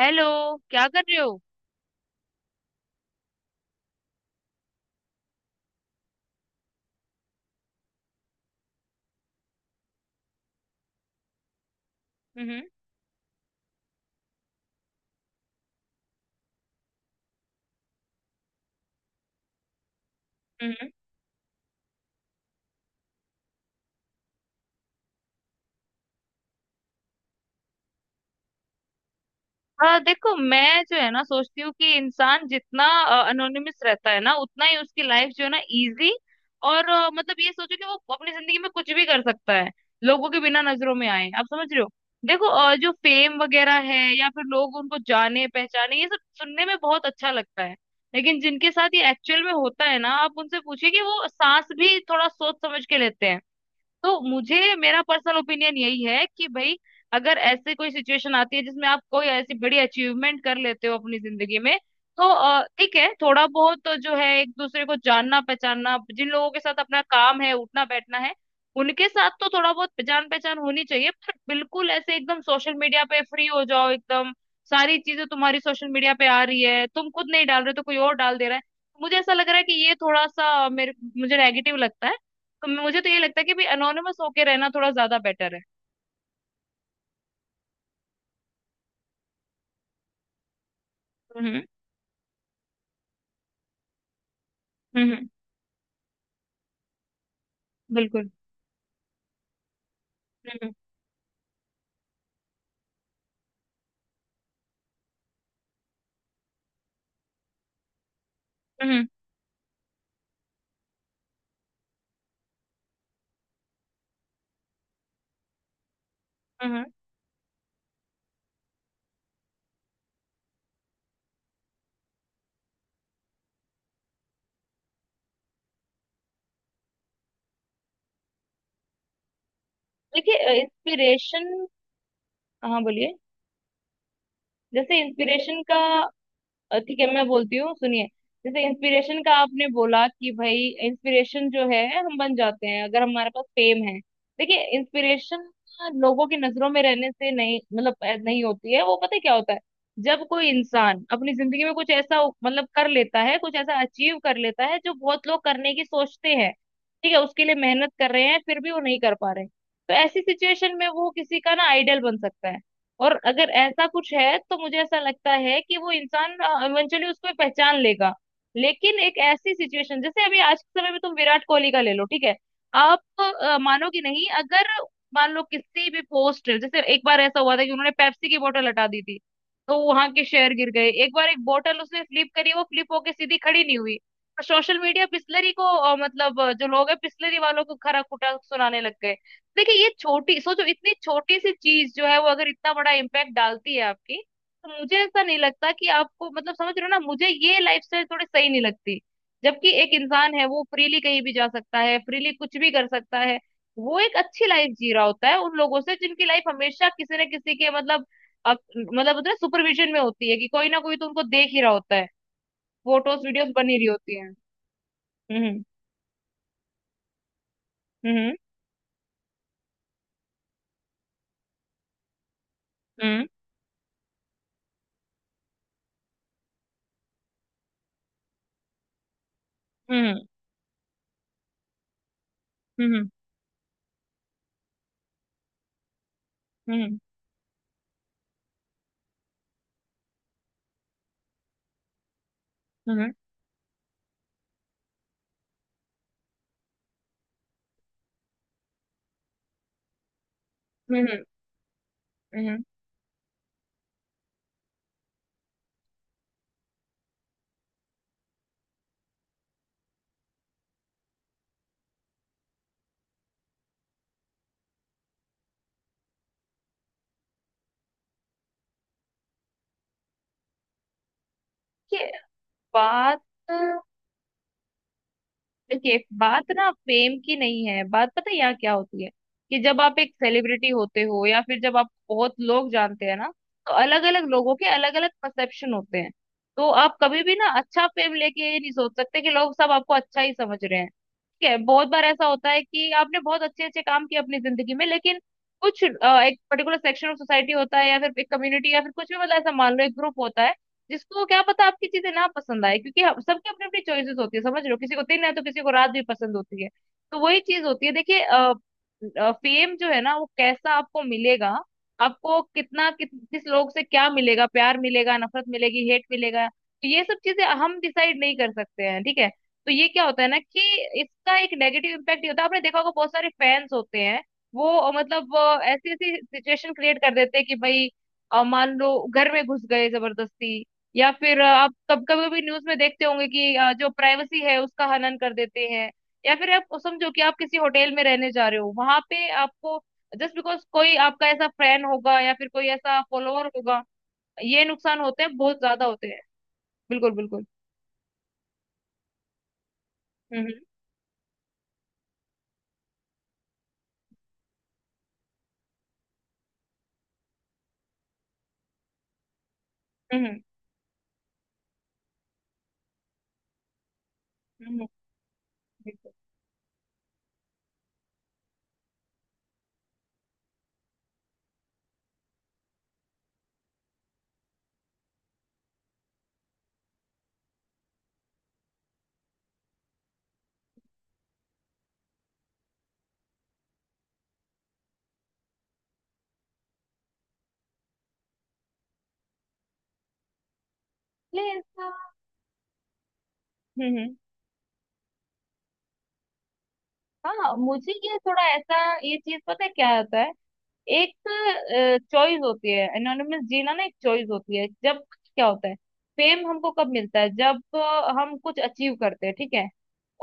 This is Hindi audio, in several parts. हेलो। क्या कर रहे हो। हम्म। हम्म। हाँ, देखो, मैं जो है ना सोचती हूँ कि इंसान जितना अनोनिमस रहता है ना उतना ही उसकी लाइफ जो है ना इजी। और मतलब ये सोचो कि वो अपनी जिंदगी में कुछ भी कर सकता है, लोगों के बिना नजरों में आए। आप समझ रहे हो? देखो, जो फेम वगैरह है या फिर लोग उनको जाने पहचाने, ये सब सुनने में बहुत अच्छा लगता है, लेकिन जिनके साथ ये एक्चुअल में होता है ना, आप उनसे पूछिए कि वो सांस भी थोड़ा सोच समझ के लेते हैं। तो मुझे, मेरा पर्सनल ओपिनियन यही है कि भाई, अगर ऐसे कोई सिचुएशन आती है जिसमें आप कोई ऐसी बड़ी अचीवमेंट कर लेते हो अपनी जिंदगी में, तो ठीक है, थोड़ा बहुत तो जो है एक दूसरे को जानना पहचानना, जिन लोगों के साथ अपना काम है, उठना बैठना है, उनके साथ तो थोड़ा बहुत जान पहचान होनी चाहिए। पर बिल्कुल ऐसे एकदम सोशल मीडिया पे फ्री हो जाओ, एकदम सारी चीजें तुम्हारी सोशल मीडिया पे आ रही है, तुम खुद नहीं डाल रहे हो तो कोई और डाल दे रहा है, मुझे ऐसा लग रहा है कि ये थोड़ा सा मेरे मुझे नेगेटिव लगता है। तो मुझे तो ये लगता है कि भी अनोनिमस होके रहना थोड़ा ज्यादा बेटर है। हम्म। हम्म। बिल्कुल। हम्म। हम्म। हम्म। देखिए इंस्पिरेशन। हाँ, बोलिए। जैसे इंस्पिरेशन का, ठीक है, मैं बोलती हूँ, सुनिए। जैसे इंस्पिरेशन का आपने बोला कि भाई, इंस्पिरेशन जो है हम बन जाते हैं अगर हमारे पास फेम है। देखिए, इंस्पिरेशन लोगों की नजरों में रहने से नहीं, मतलब नहीं होती है। वो पता है क्या होता है, जब कोई इंसान अपनी जिंदगी में कुछ ऐसा मतलब कर लेता है, कुछ ऐसा अचीव कर लेता है जो बहुत लोग करने की सोचते हैं, ठीक है, उसके लिए मेहनत कर रहे हैं, फिर भी वो नहीं कर पा रहे, तो ऐसी सिचुएशन में वो किसी का ना आइडल बन सकता है। और अगर ऐसा कुछ है, तो मुझे ऐसा लगता है कि वो इंसान इवेंचुअली उसको पहचान लेगा। लेकिन एक ऐसी सिचुएशन, जैसे अभी आज के समय में तुम विराट कोहली का ले लो, ठीक है। आप मानोगे नहीं, अगर मान लो किसी भी पोस्टर, जैसे एक बार ऐसा हुआ था कि उन्होंने पेप्सी की बोतल हटा दी थी, तो वहां के शेयर गिर गए। एक बार एक बोतल उसने फ्लिप करी, वो फ्लिप होके सीधी खड़ी नहीं हुई, सोशल मीडिया पिस्लरी को मतलब जो लोग है पिस्लरी वालों को खरा खुटा सुनाने लग गए। देखिए ये छोटी, सोचो इतनी छोटी सी चीज जो है वो अगर इतना बड़ा इम्पैक्ट डालती है आपकी, तो मुझे ऐसा नहीं लगता कि आपको, मतलब समझ रहे हो ना, मुझे ये लाइफस्टाइल थोड़ी सही नहीं लगती। जबकि एक इंसान है, वो फ्रीली कहीं भी जा सकता है, फ्रीली कुछ भी कर सकता है, वो एक अच्छी लाइफ जी रहा होता है उन लोगों से जिनकी लाइफ हमेशा किसी न किसी के, मतलब मतलब होता है सुपरविजन में होती है कि कोई ना कोई तो उनको देख ही रहा होता है, फोटोज वीडियोस बनी रही होती है। हम्म। हम्म। हम्म। हम्म। हम्म। हम्म। हम्म। हम्म। हम्म। हम्म। हम्म। बात देखिए, बात ना फेम की नहीं है, बात पता है यहाँ क्या होती है, कि जब आप एक सेलिब्रिटी होते हो या फिर जब आप बहुत लोग जानते हैं ना, तो अलग अलग लोगों के अलग अलग परसेप्शन होते हैं। तो आप कभी भी ना अच्छा फेम लेके ये नहीं सोच सकते कि लोग सब आपको अच्छा ही समझ रहे हैं। है, बहुत बार ऐसा होता है कि आपने बहुत अच्छे अच्छे काम किए अपनी जिंदगी में, लेकिन कुछ एक पर्टिकुलर सेक्शन ऑफ सोसाइटी होता है या फिर एक कम्युनिटी या फिर कुछ भी, मतलब ऐसा मान लो एक ग्रुप होता है जिसको क्या पता आपकी चीजें ना पसंद आए, क्योंकि सबकी अपनी अपनी चॉइसेस होती है। समझ लो किसी को दिन है तो किसी को रात भी पसंद होती है, तो वही चीज होती है। देखिए फेम जो है ना वो कैसा आपको मिलेगा, आपको कितना किस लोग से क्या मिलेगा, प्यार मिलेगा, नफरत मिलेगी, हेट मिलेगा, तो ये सब चीजें हम डिसाइड नहीं कर सकते हैं, ठीक है। तो ये क्या होता है ना कि इसका एक नेगेटिव इम्पैक्ट ये होता है, आपने देखा होगा बहुत सारे फैंस होते हैं, वो मतलब ऐसी ऐसी सिचुएशन क्रिएट कर देते हैं कि भाई मान लो घर में घुस गए जबरदस्ती, या फिर आप कब कभी कभी न्यूज में देखते होंगे कि जो प्राइवेसी है उसका हनन कर देते हैं, या फिर आप समझो कि आप किसी होटल में रहने जा रहे हो, वहां पे आपको जस्ट बिकॉज कोई आपका ऐसा फ्रेंड होगा या फिर कोई ऐसा फॉलोअर होगा, ये नुकसान होते हैं, बहुत ज्यादा होते हैं। बिल्कुल। बिल्कुल। हम्म। हम्म। हम्म। हम्म। हम्म। हम्म। इसलिए ऐसा। हम्म। हम्म। हाँ, मुझे ये थोड़ा ऐसा, ये चीज पता है क्या होता है। एक चॉइस होती है एनोनिमस जीना ना, एक चॉइस होती है जब क्या होता है, फेम हमको कब मिलता है, जब हम कुछ अचीव करते हैं, ठीक है।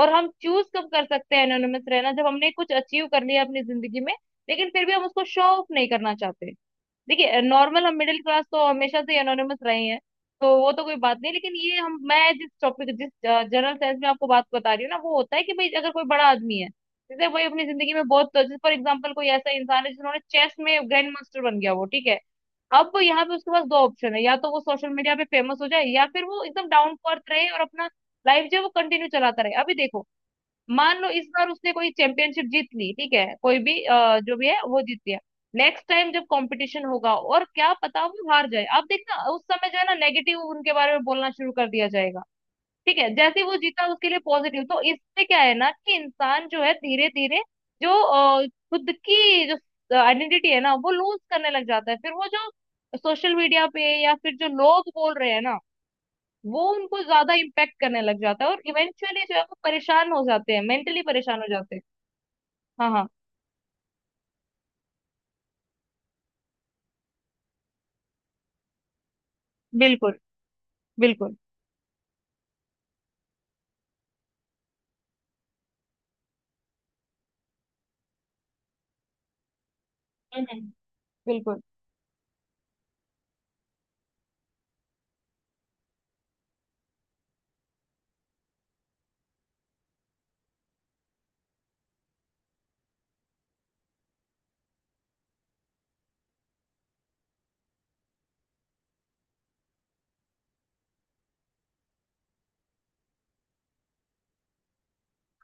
और हम चूज कब कर सकते हैं एनोनिमस रहना, जब हमने कुछ अचीव कर लिया अपनी जिंदगी में, लेकिन फिर भी हम उसको शो ऑफ नहीं करना चाहते। देखिए नॉर्मल हम मिडिल क्लास तो हमेशा से एनोनिमस रहे हैं, तो वो तो कोई बात नहीं, लेकिन ये हम, मैं जिस टॉपिक, जिस जनरल सेंस में आपको बात बता रही हूँ ना, वो होता है कि भाई अगर कोई बड़ा आदमी है, जैसे भाई अपनी जिंदगी में बहुत, जैसे फॉर एग्जाम्पल कोई ऐसा इंसान है जिन्होंने चेस में ग्रैंड मास्टर बन गया, वो ठीक है, अब यहाँ पे उसके पास दो ऑप्शन है, या तो वो सोशल मीडिया पे फेमस हो जाए या फिर वो एकदम डाउन टू अर्थ रहे और अपना लाइफ जो है वो कंटिन्यू चलाता रहे। अभी देखो, मान लो इस बार उसने कोई चैंपियनशिप जीत ली, ठीक है, कोई भी जो भी है वो जीत लिया, नेक्स्ट टाइम जब कंपटीशन होगा और क्या पता वो हार जाए, आप देखना उस समय जो है ना नेगेटिव उनके बारे में बोलना शुरू कर दिया जाएगा, ठीक है, जैसे ही वो जीता उसके लिए पॉजिटिव। तो इससे क्या है ना कि इंसान जो है धीरे धीरे जो खुद की जो आइडेंटिटी है ना वो लूज करने लग जाता है, फिर वो जो सोशल मीडिया पे या फिर जो लोग बोल रहे हैं ना, वो उनको ज्यादा इम्पेक्ट करने लग जाता है और इवेंचुअली जो है वो परेशान हो जाते हैं, मेंटली परेशान हो जाते हैं। हाँ हाँ। बिल्कुल बिल्कुल। हम्म। बिल्कुल।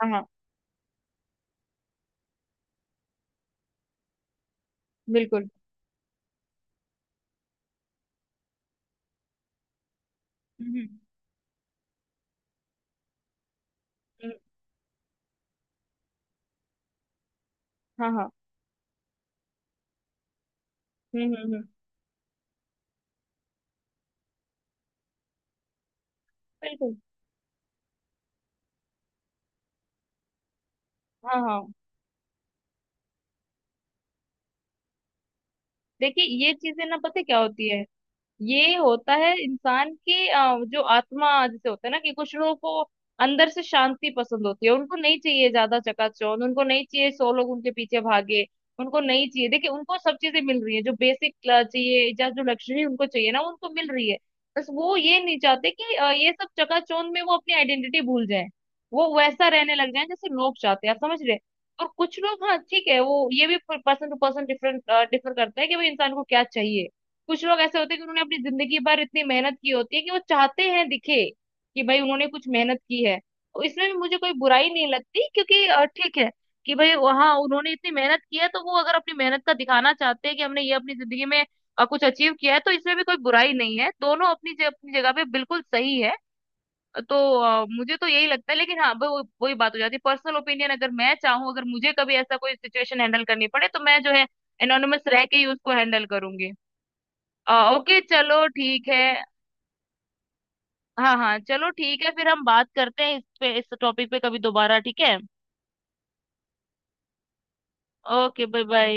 हाँ हाँ। बिल्कुल। हम्म। हम्म, हाँ हाँ। हम्म। हम्म। बिल्कुल। हाँ हाँ। देखिए ये चीजें ना पता है क्या होती है, ये होता है इंसान की जो आत्मा, जैसे होता है ना कि कुछ लोगों को अंदर से शांति पसंद होती है, उनको नहीं चाहिए ज्यादा चकाचौंध, उनको नहीं चाहिए सौ लोग उनके पीछे भागे, उनको नहीं चाहिए। देखिए उनको सब चीजें मिल रही है जो बेसिक चाहिए या जो लग्जरी उनको चाहिए ना उनको मिल रही है, बस वो ये नहीं चाहते कि ये सब चकाचौंध में वो अपनी आइडेंटिटी भूल जाए, वो वैसा रहने लग जाए जैसे लोग चाहते हैं। आप समझ रहे हैं? और कुछ लोग, हाँ ठीक है, वो ये भी person to person different, differ करता है कि भाई इंसान को क्या चाहिए। कुछ लोग ऐसे होते हैं कि उन्होंने अपनी जिंदगी भर इतनी मेहनत की होती है कि वो चाहते हैं दिखे कि भाई उन्होंने कुछ मेहनत की है, तो इसमें भी मुझे कोई बुराई नहीं लगती, क्योंकि ठीक है, कि भाई, हाँ उन्होंने इतनी मेहनत की है, तो वो अगर अपनी मेहनत का दिखाना चाहते हैं कि हमने ये अपनी जिंदगी में कुछ अचीव किया है, तो इसमें भी कोई बुराई नहीं है, दोनों अपनी अपनी जगह पे बिल्कुल सही है। तो मुझे तो यही लगता है, लेकिन हाँ वो वही बात हो जाती है, पर्सनल ओपिनियन, अगर मैं चाहूँ, अगर मुझे कभी ऐसा कोई सिचुएशन हैंडल करनी पड़े तो मैं जो है एनोनिमस रह के ही उसको हैंडल करूंगी। ओके, चलो ठीक है। हाँ हाँ, चलो ठीक है, फिर हम बात करते हैं इस पे, इस टॉपिक पे कभी दोबारा, ठीक है। Okay, bye bye.